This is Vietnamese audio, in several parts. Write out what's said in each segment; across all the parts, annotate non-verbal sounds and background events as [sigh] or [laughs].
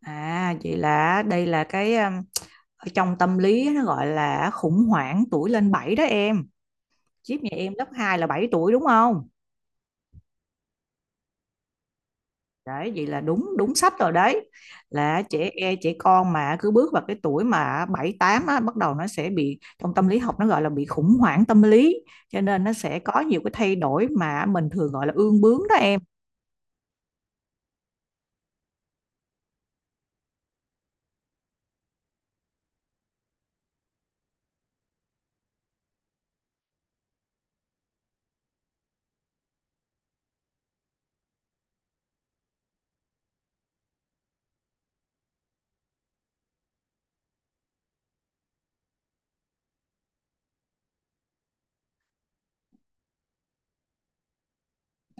À, vậy là đây là cái ở trong tâm lý nó gọi là khủng hoảng tuổi lên 7 đó em. Chiếc nhà em lớp 2 là 7 tuổi đúng không? Đấy, vậy là đúng đúng sách rồi đấy. Là trẻ con mà cứ bước vào cái tuổi mà 7 8 á bắt đầu nó sẽ bị trong tâm lý học nó gọi là bị khủng hoảng tâm lý. Cho nên nó sẽ có nhiều cái thay đổi mà mình thường gọi là ương bướng đó em.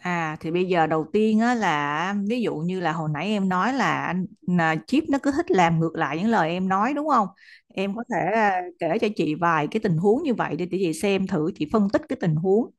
À thì bây giờ đầu tiên á là ví dụ như là hồi nãy em nói là anh là Chip nó cứ thích làm ngược lại những lời em nói đúng không? Em có thể kể cho chị vài cái tình huống như vậy để chị xem thử chị phân tích cái tình huống.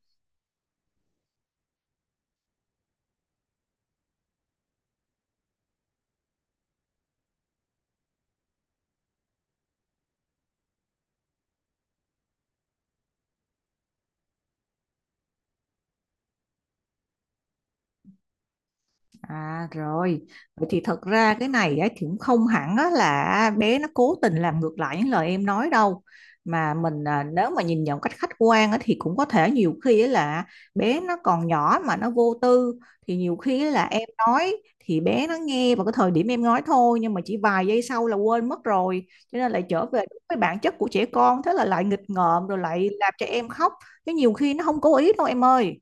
À rồi, vậy thì thật ra cái này á, thì cũng không hẳn á, là bé nó cố tình làm ngược lại những lời em nói đâu. Mà mình à, nếu mà nhìn nhận cách khách quan á, thì cũng có thể nhiều khi á, là bé nó còn nhỏ mà nó vô tư. Thì nhiều khi á, là em nói thì bé nó nghe vào cái thời điểm em nói thôi. Nhưng mà chỉ vài giây sau là quên mất rồi. Cho nên lại trở về đúng cái bản chất của trẻ con. Thế là lại nghịch ngợm rồi lại làm cho em khóc. Chứ nhiều khi nó không cố ý đâu em ơi.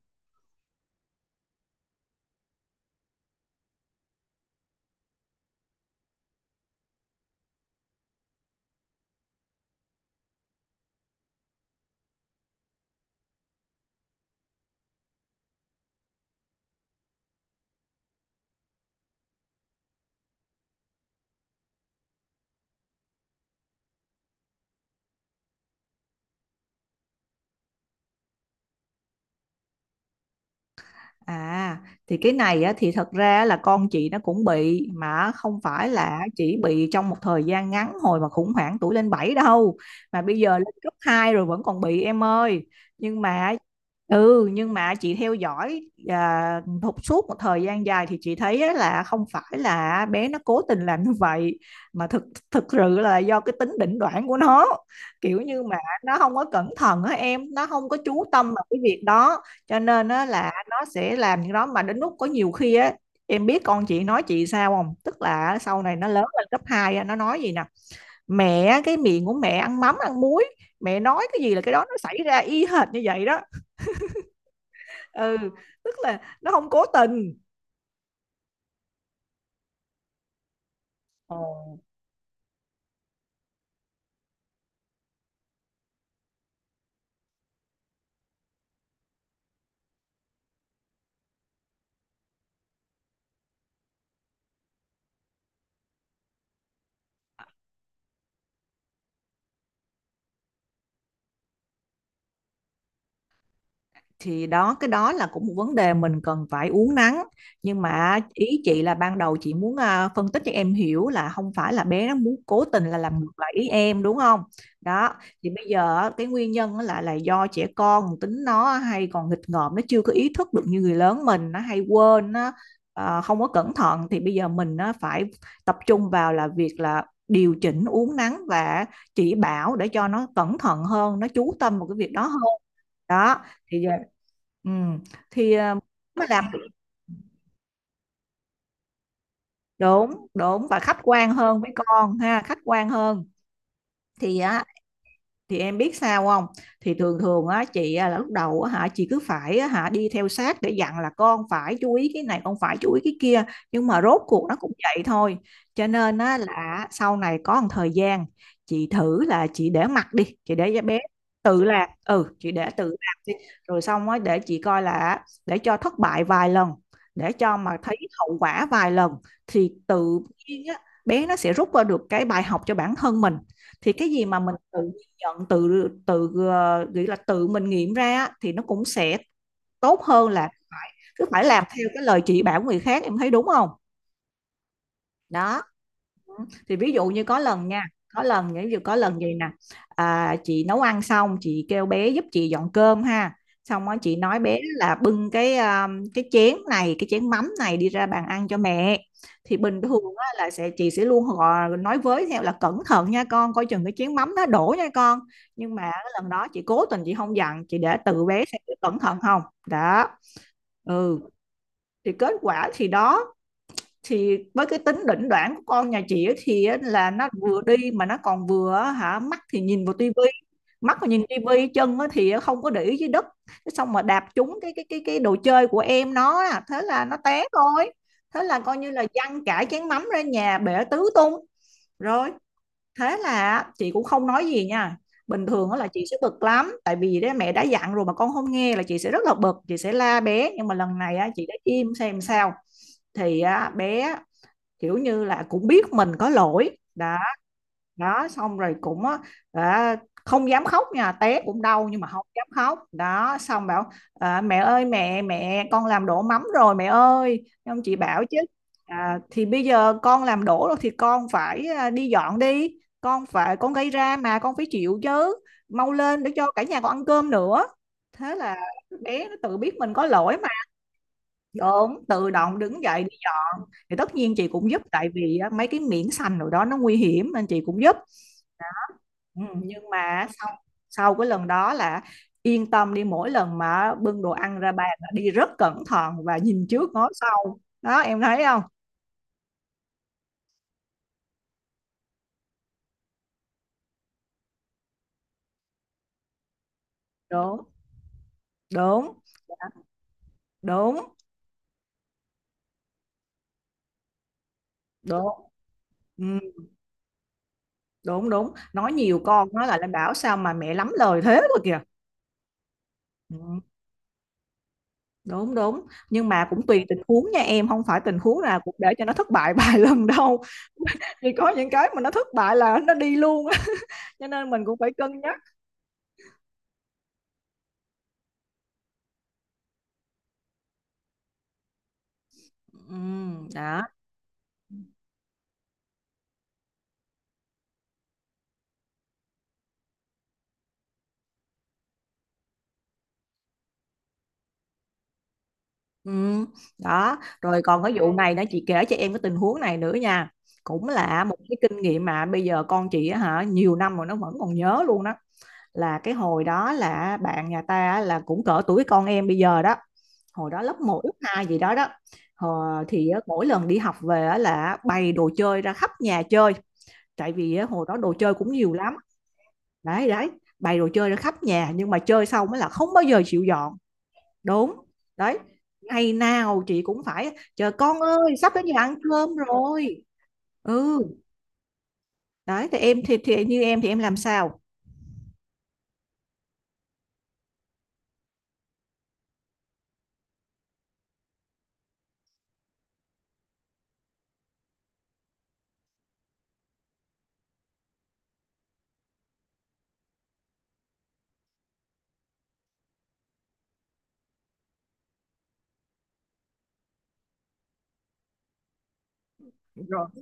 À, thì cái này á, thì thật ra là con chị nó cũng bị mà không phải là chỉ bị trong một thời gian ngắn hồi mà khủng hoảng tuổi lên 7 đâu, mà bây giờ lên cấp 2 rồi vẫn còn bị em ơi. Nhưng mà ừ, nhưng mà chị theo dõi à, suốt một thời gian dài thì chị thấy á, là không phải là bé nó cố tình làm như vậy mà thực thực sự là do cái tính đỉnh đoạn của nó, kiểu như mà nó không có cẩn thận á, em, nó không có chú tâm vào cái việc đó, cho nên á là nó sẽ làm những đó mà đến lúc có nhiều khi á, em biết con chị nói chị sao không, tức là sau này nó lớn lên cấp 2 á, nó nói gì nè: mẹ cái miệng của mẹ ăn mắm ăn muối, mẹ nói cái gì là cái đó nó xảy ra y hệt như vậy đó. Ừ, tức là nó không cố tình. Ồ. Thì đó cái đó là cũng một vấn đề mình cần phải uốn nắn, nhưng mà ý chị là ban đầu chị muốn phân tích cho em hiểu là không phải là bé nó muốn cố tình là làm ngược lại ý em đúng không. Đó thì bây giờ á, cái nguyên nhân á là do trẻ con tính nó hay còn nghịch ngợm, nó chưa có ý thức được như người lớn mình, nó hay quên, nó không có cẩn thận, thì bây giờ mình nó phải tập trung vào là việc là điều chỉnh uốn nắn và chỉ bảo để cho nó cẩn thận hơn, nó chú tâm vào cái việc đó hơn. Đó thì giờ thì mới làm đúng, đúng và khách quan hơn với con ha, khách quan hơn thì á. Thì em biết sao không, thì thường thường á chị á, là lúc đầu á hả chị cứ phải á, hả đi theo sát để dặn là con phải chú ý cái này, con phải chú ý cái kia, nhưng mà rốt cuộc nó cũng vậy thôi. Cho nên á là sau này có một thời gian chị thử là chị để mặc đi, chị để bé tự làm. Ừ, chị để tự làm đi rồi xong á để chị coi, là để cho thất bại vài lần, để cho mà thấy hậu quả vài lần thì tự nhiên á bé nó sẽ rút ra được cái bài học cho bản thân mình. Thì cái gì mà mình tự nhận, tự tự ờ, nghĩ là tự mình nghiệm ra á, thì nó cũng sẽ tốt hơn là cứ phải làm theo cái lời chỉ bảo người khác, em thấy đúng không. Đó thì ví dụ như có lần nha, có lần ví dụ có lần gì nè, chị nấu ăn xong chị kêu bé giúp chị dọn cơm ha. Xong đó chị nói bé là bưng cái chén này, cái chén mắm này đi ra bàn ăn cho mẹ. Thì bình thường á, là sẽ chị sẽ luôn gọi, nói với theo là cẩn thận nha con, coi chừng cái chén mắm nó đổ nha con. Nhưng mà cái lần đó chị cố tình chị không dặn, chị để tự bé sẽ cẩn thận không đó. Ừ, thì kết quả thì đó, thì với cái tính đỉnh đoản của con nhà chị ấy thì là nó vừa đi mà nó còn vừa hả mắt thì nhìn vào tivi, mắt thì nhìn tivi chân thì không có để ý dưới đất. Thế xong mà đạp trúng cái đồ chơi của em nó á, thế là nó té thôi. Thế là coi như là văng cả chén mắm ra nhà, bể tứ tung rồi. Thế là chị cũng không nói gì nha. Bình thường á là chị sẽ bực lắm, tại vì đấy mẹ đã dặn rồi mà con không nghe là chị sẽ rất là bực, chị sẽ la bé, nhưng mà lần này á, chị đã im xem sao. Thì á, bé kiểu như là cũng biết mình có lỗi đó. Đó xong rồi cũng á, đã không dám khóc nha, té cũng đau nhưng mà không dám khóc đó, xong bảo à, mẹ ơi, mẹ mẹ con làm đổ mắm rồi mẹ ơi. Ông chị bảo chứ à, thì bây giờ con làm đổ rồi thì con phải à, đi dọn đi, con phải, con gây ra mà con phải chịu chứ, mau lên để cho cả nhà con ăn cơm nữa. Thế là bé nó tự biết mình có lỗi, đúng, tự động đứng dậy đi dọn. Thì tất nhiên chị cũng giúp, tại vì á, mấy cái miếng xanh rồi đó nó nguy hiểm nên chị cũng giúp. Ừ, nhưng mà sau sau cái lần đó là yên tâm đi, mỗi lần mà bưng đồ ăn ra bàn là đi rất cẩn thận và nhìn trước ngó sau đó, em thấy không. Đúng, đúng, đúng, đúng. Ừ, đúng đúng, nói nhiều con nói lại là bảo sao mà mẹ lắm lời thế rồi kìa. Ừ, đúng đúng, nhưng mà cũng tùy tình huống nha em, không phải tình huống nào cũng để cho nó thất bại vài [laughs] lần đâu. Thì có những cái mà nó thất bại là nó đi luôn á, cho nên mình cũng phải cân nhắc. Ừ, đó. Ừ, đó rồi còn cái vụ này đó, chị kể cho em cái tình huống này nữa nha, cũng là một cái kinh nghiệm mà bây giờ con chị á hả, nhiều năm rồi nó vẫn còn nhớ luôn đó. Là cái hồi đó là bạn nhà ta á, là cũng cỡ tuổi con em bây giờ đó, hồi đó lớp 1 lớp 2 gì đó đó. Ờ, thì á, mỗi lần đi học về á là bày đồ chơi ra khắp nhà chơi, tại vì á, hồi đó đồ chơi cũng nhiều lắm. Đấy đấy, bày đồ chơi ra khắp nhà nhưng mà chơi xong mới là không bao giờ chịu dọn. Đúng đấy, ngày nào chị cũng phải chờ, con ơi sắp đến giờ ăn cơm rồi. Ừ, đấy thì em thì, như em thì em làm sao?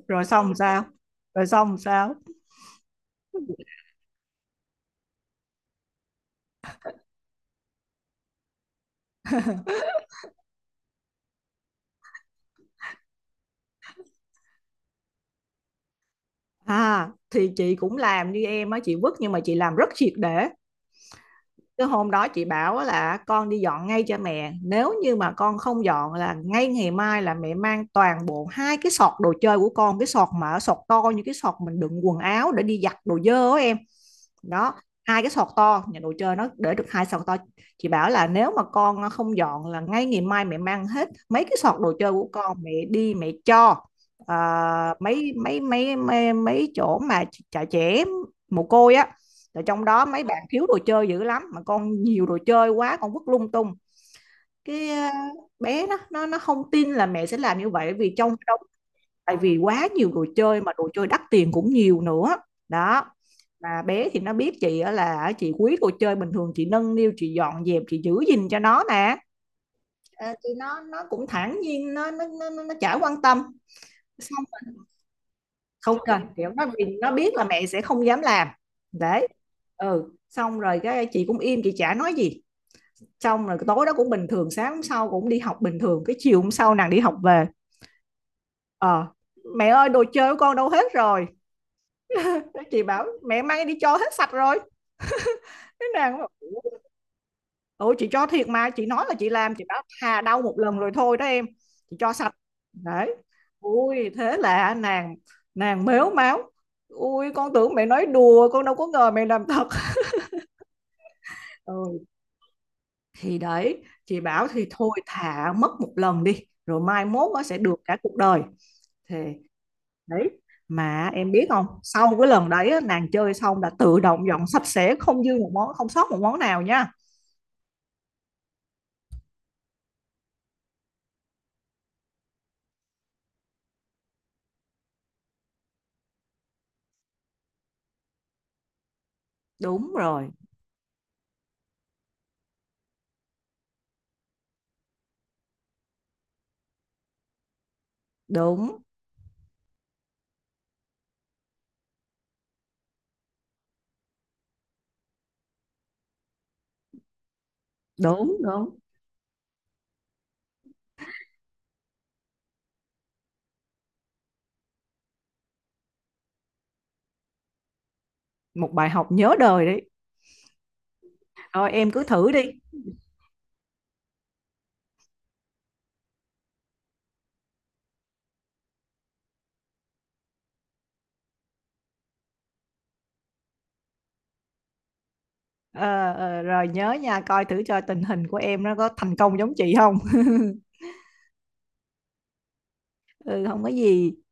Rồi xong sao? Rồi xong sao? À thì chị cũng làm như em á, chị vứt, nhưng mà chị làm rất triệt để. Cái hôm đó chị bảo là con đi dọn ngay cho mẹ, nếu như mà con không dọn là ngay ngày mai là mẹ mang toàn bộ hai cái sọt đồ chơi của con, cái sọt mà sọt to như cái sọt mình đựng quần áo để đi giặt đồ dơ đó em. Đó, hai cái sọt to nhà đồ chơi nó để được hai sọt to. Chị bảo là nếu mà con không dọn là ngay ngày mai mẹ mang hết mấy cái sọt đồ chơi của con mẹ đi mẹ cho à, mấy mấy mấy mấy mấy chỗ mà trại trẻ mồ côi á, rồi trong đó mấy bạn thiếu đồ chơi dữ lắm mà con nhiều đồ chơi quá con vứt lung tung. Cái à, bé nó không tin là mẹ sẽ làm như vậy vì trong, tại vì quá nhiều đồ chơi mà đồ chơi đắt tiền cũng nhiều nữa đó. Mà bé thì nó biết chị á, là chị quý đồ chơi, bình thường chị nâng niu chị dọn dẹp chị giữ gìn cho nó nè. Ờ, thì nó cũng thản nhiên, nó chả quan tâm. Xong rồi, không cần kiểu nó, vì nó biết là mẹ sẽ không dám làm. Đấy, ừ, xong rồi cái chị cũng im, chị chả nói gì. Xong rồi tối đó cũng bình thường, sáng hôm sau cũng đi học bình thường, cái chiều hôm sau nàng đi học về. Ờ, mẹ ơi đồ chơi của con đâu hết rồi, chị bảo mẹ may đi cho hết sạch rồi. Thế nàng bảo, ừ chị cho thiệt mà, chị nói là chị làm. Chị bảo thà đau một lần rồi thôi đó em, chị cho sạch. Đấy, ui thế là nàng, nàng mếu máo, ui con tưởng mẹ nói đùa con đâu có ngờ mẹ làm thật. Ừ, thì đấy chị bảo thì thôi thà mất một lần đi rồi mai mốt nó sẽ được cả cuộc đời thì đấy. Mà em biết không, sau cái lần đấy á, nàng chơi xong là tự động dọn sạch sẽ, không dư một món không sót một món nào nha. Đúng rồi, đúng, đúng, đúng. Một bài học nhớ đời đấy. Rồi em cứ thử đi. Ờ, ờ, rồi nhớ nha, coi thử cho tình hình của em nó có thành công giống chị không. [laughs] Ừ, không có gì.